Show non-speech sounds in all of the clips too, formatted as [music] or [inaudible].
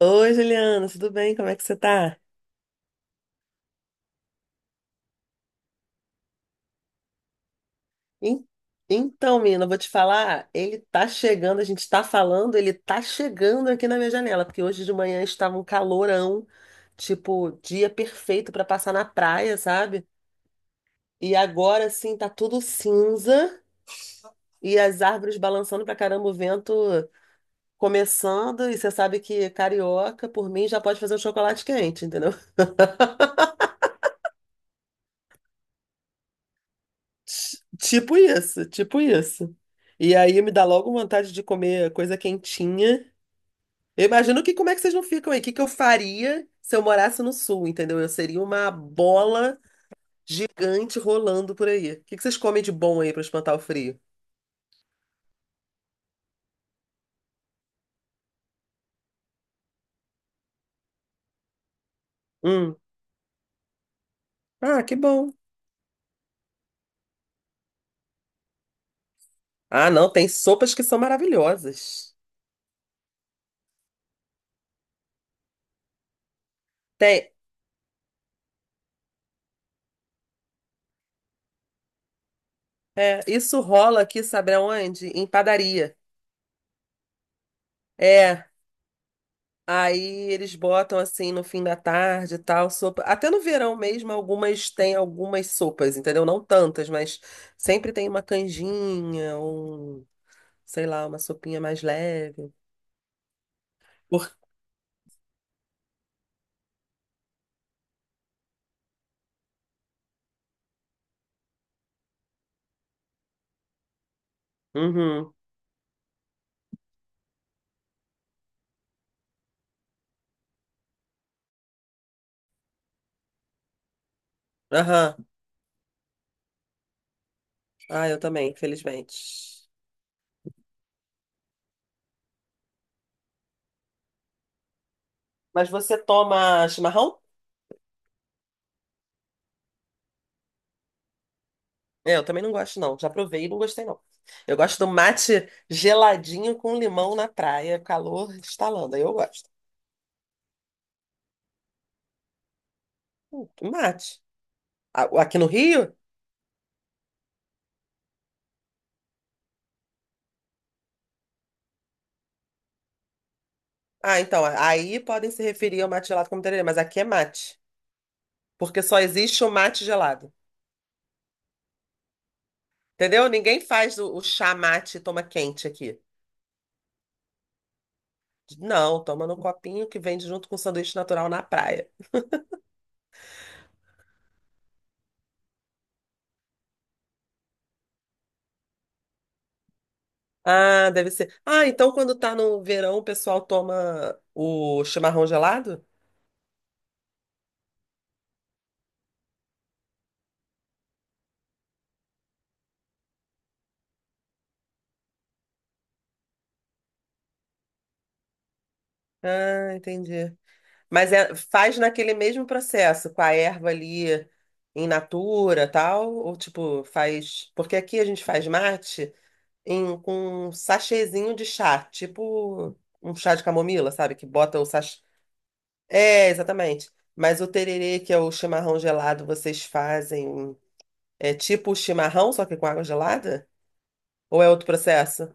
Oi, Juliana, tudo bem? Como é que você tá? En- Então, menina, eu vou te falar, ele tá chegando, a gente tá falando, ele tá chegando aqui na minha janela, porque hoje de manhã estava um calorão, tipo, dia perfeito pra passar na praia, sabe? E agora sim, tá tudo cinza e as árvores balançando pra caramba, o vento começando, e você sabe que carioca, por mim, já pode fazer um chocolate quente, entendeu? Tipo isso, tipo isso. E aí me dá logo vontade de comer coisa quentinha. Eu imagino que como é que vocês não ficam aí? O que que eu faria se eu morasse no sul, entendeu? Eu seria uma bola gigante rolando por aí. O que que vocês comem de bom aí pra espantar o frio? Hum. Ah, que bom. Ah, não, tem sopas que são maravilhosas. Tem. É, isso rola aqui, sabe aonde? Em padaria. É, aí eles botam assim no fim da tarde e tal, sopa. Até no verão mesmo, algumas têm algumas sopas, entendeu? Não tantas, mas sempre tem uma canjinha, um, sei lá, uma sopinha mais leve. Por... Uhum. Aham. Ah, eu também, infelizmente. Mas você toma chimarrão? É, eu também não gosto, não. Já provei e não gostei, não. Eu gosto do mate geladinho com limão na praia, calor estalando. Aí eu gosto. Que mate. Aqui no Rio? Ah, então, aí podem se referir ao mate gelado como tererê, mas aqui é mate, porque só existe o mate gelado. Entendeu? Ninguém faz o, chá mate e toma quente aqui. Não, toma no copinho que vende junto com um sanduíche natural na praia. Ah, deve ser. Ah, então quando tá no verão o pessoal toma o chimarrão gelado? Ah, entendi. Faz naquele mesmo processo, com a erva ali em natura, tal, ou tipo, faz, porque aqui a gente faz mate em, com um sachêzinho de chá, tipo um chá de camomila, sabe? Que bota o sachê. É, exatamente. Mas o tererê, que é o chimarrão gelado, vocês fazem é tipo o chimarrão, só que com água gelada? Ou é outro processo?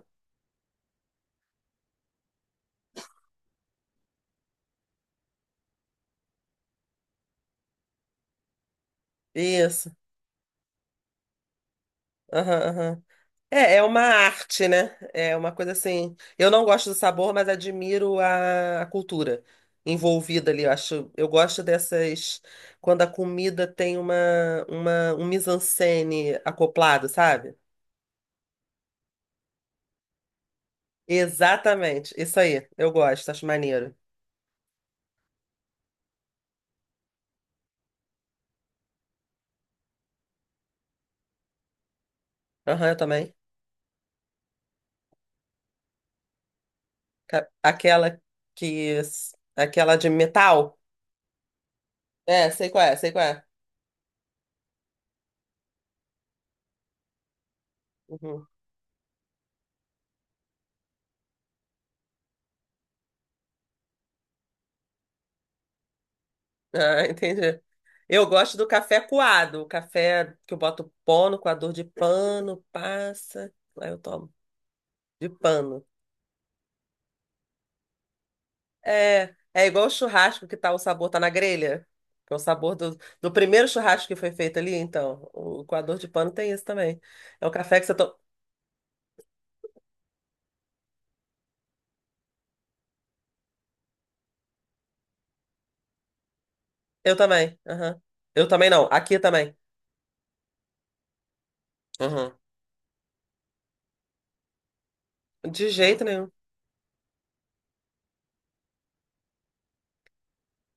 Isso. Aham, aham. É, é uma arte, né? É uma coisa assim. Eu não gosto do sabor, mas admiro a, cultura envolvida ali. Eu acho, eu gosto dessas quando a comida tem uma, um mise-en-scène acoplado, sabe? Exatamente, isso aí. Eu gosto, acho maneiro. Aham, eu também. Aquela que aquela de metal. É, sei qual é, sei qual é. Uhum. Ah, [laughs] entendi. Eu gosto do café coado, o café que eu boto pó no coador de pano, passa, aí eu tomo de pano. É, é igual o churrasco que tá o sabor tá na grelha, que é o sabor do, primeiro churrasco que foi feito ali, então, o coador de pano tem isso também. É o café que você toma. Eu também. Aham. Eu também não, aqui também. Aham. De jeito nenhum.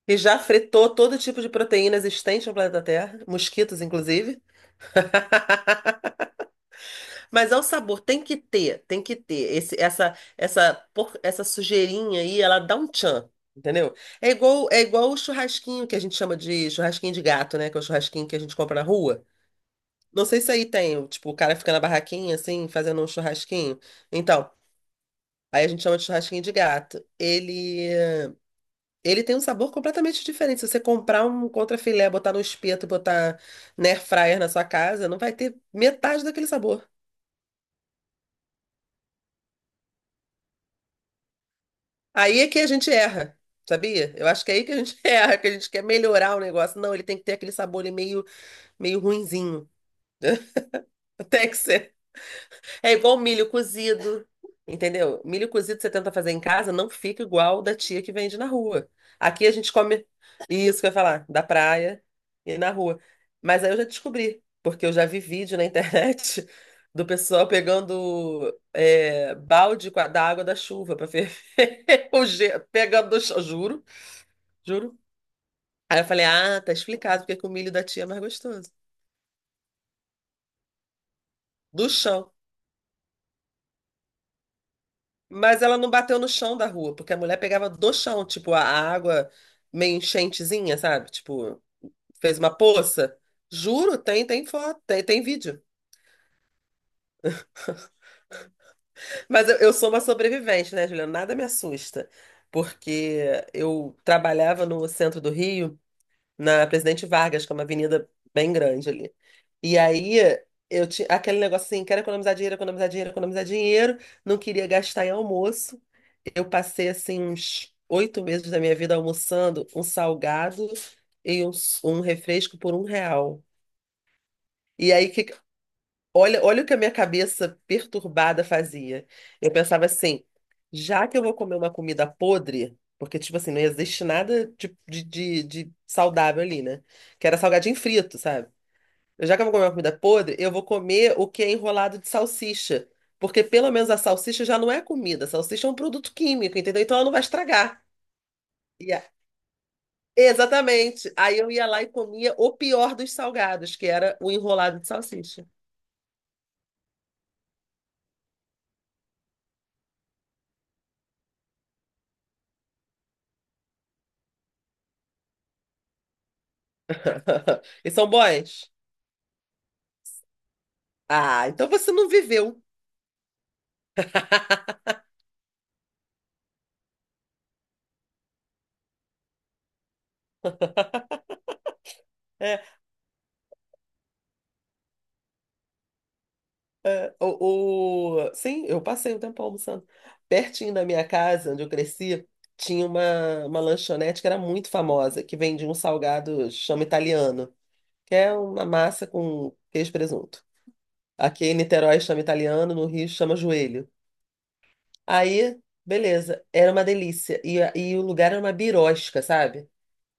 E já fritou todo tipo de proteína existente no planeta Terra, mosquitos inclusive. [laughs] Mas ao sabor, tem que ter, tem que ter. Essa, essa sujeirinha aí, ela dá um tchan, entendeu? É igual o churrasquinho que a gente chama de churrasquinho de gato, né? Que é o churrasquinho que a gente compra na rua. Não sei se aí tem, tipo, o cara fica na barraquinha, assim, fazendo um churrasquinho. Então, aí a gente chama de churrasquinho de gato. Ele tem um sabor completamente diferente. Se você comprar um contrafilé, botar no espeto, botar na air fryer na sua casa, não vai ter metade daquele sabor. Aí é que a gente erra, sabia? Eu acho que é aí que a gente [laughs] erra, que a gente quer melhorar o negócio. Não, ele tem que ter aquele sabor ali meio, meio ruinzinho. [laughs] Tem que ser. É igual milho cozido, entendeu? Milho cozido você tenta fazer em casa, não fica igual da tia que vende na rua. Aqui a gente come isso que eu ia falar, da praia e na rua. Mas aí eu já descobri, porque eu já vi vídeo na internet [laughs] do pessoal pegando é, balde da água da chuva para ferver [laughs] o gelo, pegando do chão, juro. Juro. Aí eu falei, ah, tá explicado porque que o milho da tia é mais gostoso. Do chão. Mas ela não bateu no chão da rua, porque a mulher pegava do chão, tipo, a água meio enchentezinha, sabe? Tipo, fez uma poça. Juro, tem, tem, foto, tem vídeo. Mas eu, sou uma sobrevivente, né, Juliana? Nada me assusta. Porque eu trabalhava no centro do Rio. Na Presidente Vargas, que é uma avenida bem grande ali. E aí eu tinha aquele negócio assim, quero economizar dinheiro, economizar dinheiro, economizar dinheiro, não queria gastar em almoço. Eu passei assim uns 8 meses da minha vida almoçando um salgado e um, um refresco por R$ 1. E aí que Olha, olha o que a minha cabeça perturbada fazia. Eu pensava assim, já que eu vou comer uma comida podre, porque, tipo assim, não existe nada de saudável ali, né? Que era salgadinho frito, sabe? Eu, já que eu vou comer uma comida podre, eu vou comer o que é enrolado de salsicha. Porque pelo menos a salsicha já não é comida, a salsicha é um produto químico, entendeu? Então ela não vai estragar. E a- Exatamente. Aí eu ia lá e comia o pior dos salgados, que era o enrolado de salsicha. [laughs] E são bons. Ah, então você não viveu. [laughs] É, é, sim, eu passei um tempo almoçando. Pertinho da minha casa, onde eu cresci, tinha uma, lanchonete que era muito famosa, que vendia um salgado chama italiano, que é uma massa com queijo e presunto. Aqui em Niterói chama italiano, no Rio chama joelho. Aí, beleza, era uma delícia. E, e o lugar era uma birosca, sabe?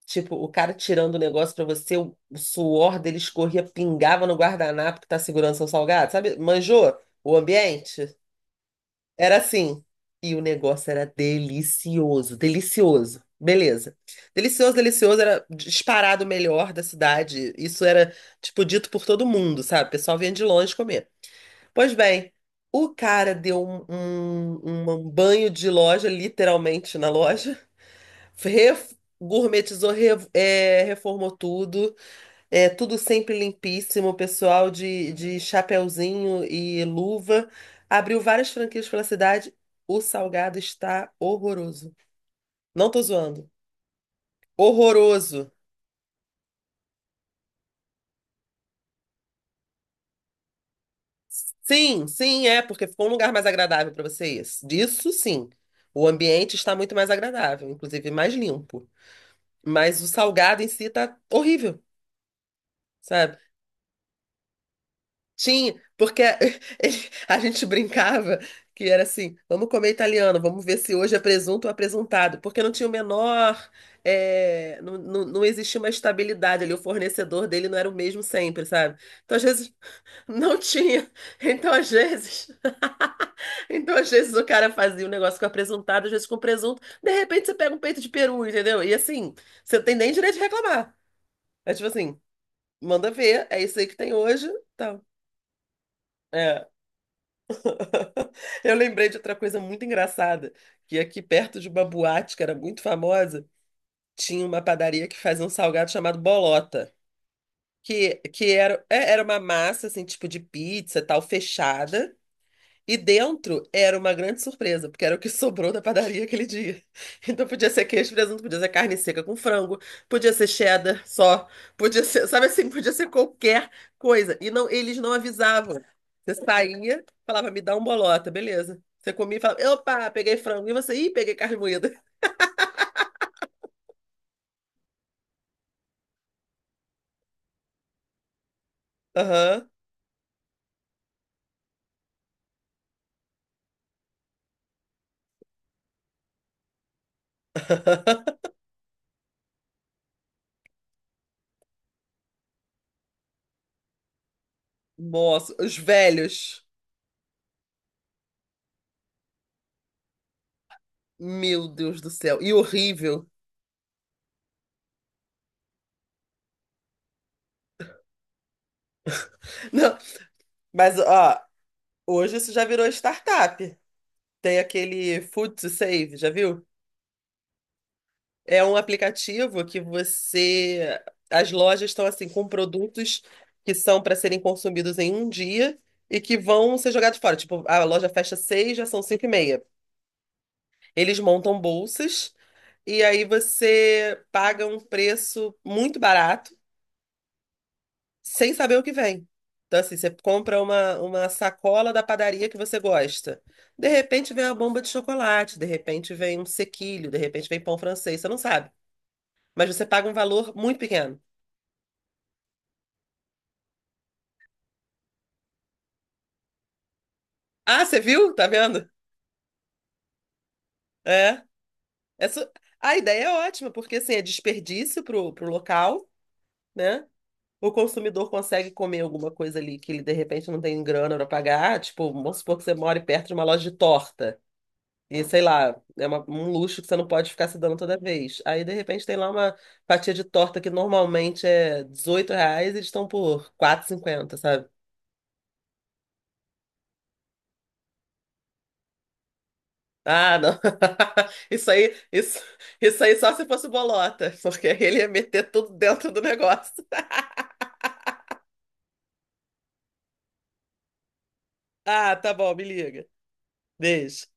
Tipo, o cara tirando o negócio pra você, o suor dele escorria, pingava no guardanapo que tá segurando seu salgado, sabe? Manjou o ambiente? Era assim. E o negócio era delicioso, delicioso. Beleza. Delicioso, delicioso, era disparado o melhor da cidade. Isso era, tipo, dito por todo mundo, sabe? O pessoal vinha de longe comer. Pois bem, o cara deu um, um banho de loja, literalmente na loja. Ref- Gourmetizou, reformou tudo, é, tudo sempre limpíssimo, pessoal de, chapeuzinho e luva. Abriu várias franquias pela cidade. O salgado está horroroso. Não tô zoando. Horroroso. Sim, sim, é, porque ficou um lugar mais agradável para vocês. Disso sim. O ambiente está muito mais agradável, inclusive mais limpo. Mas o salgado em si tá horrível, sabe? Tinha, porque [laughs] a gente brincava que era assim, vamos comer italiano, vamos ver se hoje é presunto ou apresuntado, porque não tinha o menor, não, não, não existia uma estabilidade ali, o fornecedor dele não era o mesmo sempre, sabe? Então, às vezes, [laughs] não tinha, então, às vezes, [laughs] então, às vezes o cara fazia um negócio com apresuntado, às vezes com presunto, de repente você pega um peito de peru, entendeu? E assim, você não tem nem direito de reclamar, é tipo assim, manda ver, é isso aí que tem hoje, tal. É. [laughs] Eu lembrei de outra coisa muito engraçada, que aqui perto de uma boate que era muito famosa, tinha uma padaria que fazia um salgado chamado bolota, era uma massa, assim, tipo de pizza, tal, fechada, e dentro era uma grande surpresa, porque era o que sobrou da padaria aquele dia. [laughs] Então podia ser queijo, e presunto, podia ser carne seca com frango, podia ser cheddar só, podia ser, sabe assim, podia ser qualquer coisa. E não, eles não avisavam. Você saía, falava, me dá um bolota, beleza. Você comia e falava, opa, peguei frango. E você, ih, peguei carne moída. Aham. Nossa, os velhos. Meu Deus do céu. E horrível. [laughs] Não, mas ó, hoje isso já virou startup. Tem aquele Food to Save, já viu? É um aplicativo que você. As lojas estão assim com produtos que são para serem consumidos em um dia e que vão ser jogados fora. Tipo, a loja fecha seis, já são 5:30. Eles montam bolsas e aí você paga um preço muito barato sem saber o que vem. Então, assim, você compra uma, sacola da padaria que você gosta. De repente vem uma bomba de chocolate, de repente vem um sequilho, de repente vem pão francês, você não sabe. Mas você paga um valor muito pequeno. Ah, você viu? Tá vendo? É. Essa... A ideia é ótima, porque assim, é desperdício pro local, né? O consumidor consegue comer alguma coisa ali que ele de repente não tem grana para pagar. Tipo, vamos supor que você mora perto de uma loja de torta. E sei lá, é um luxo que você não pode ficar se dando toda vez. Aí de repente tem lá uma fatia de torta que normalmente é R$ reais e eles estão por quatro R$ 4,50. Ah, não. [laughs] Isso aí, isso aí só se fosse bolota, porque ele ia meter tudo dentro do negócio. [laughs] Ah, tá bom, me liga. Beijo.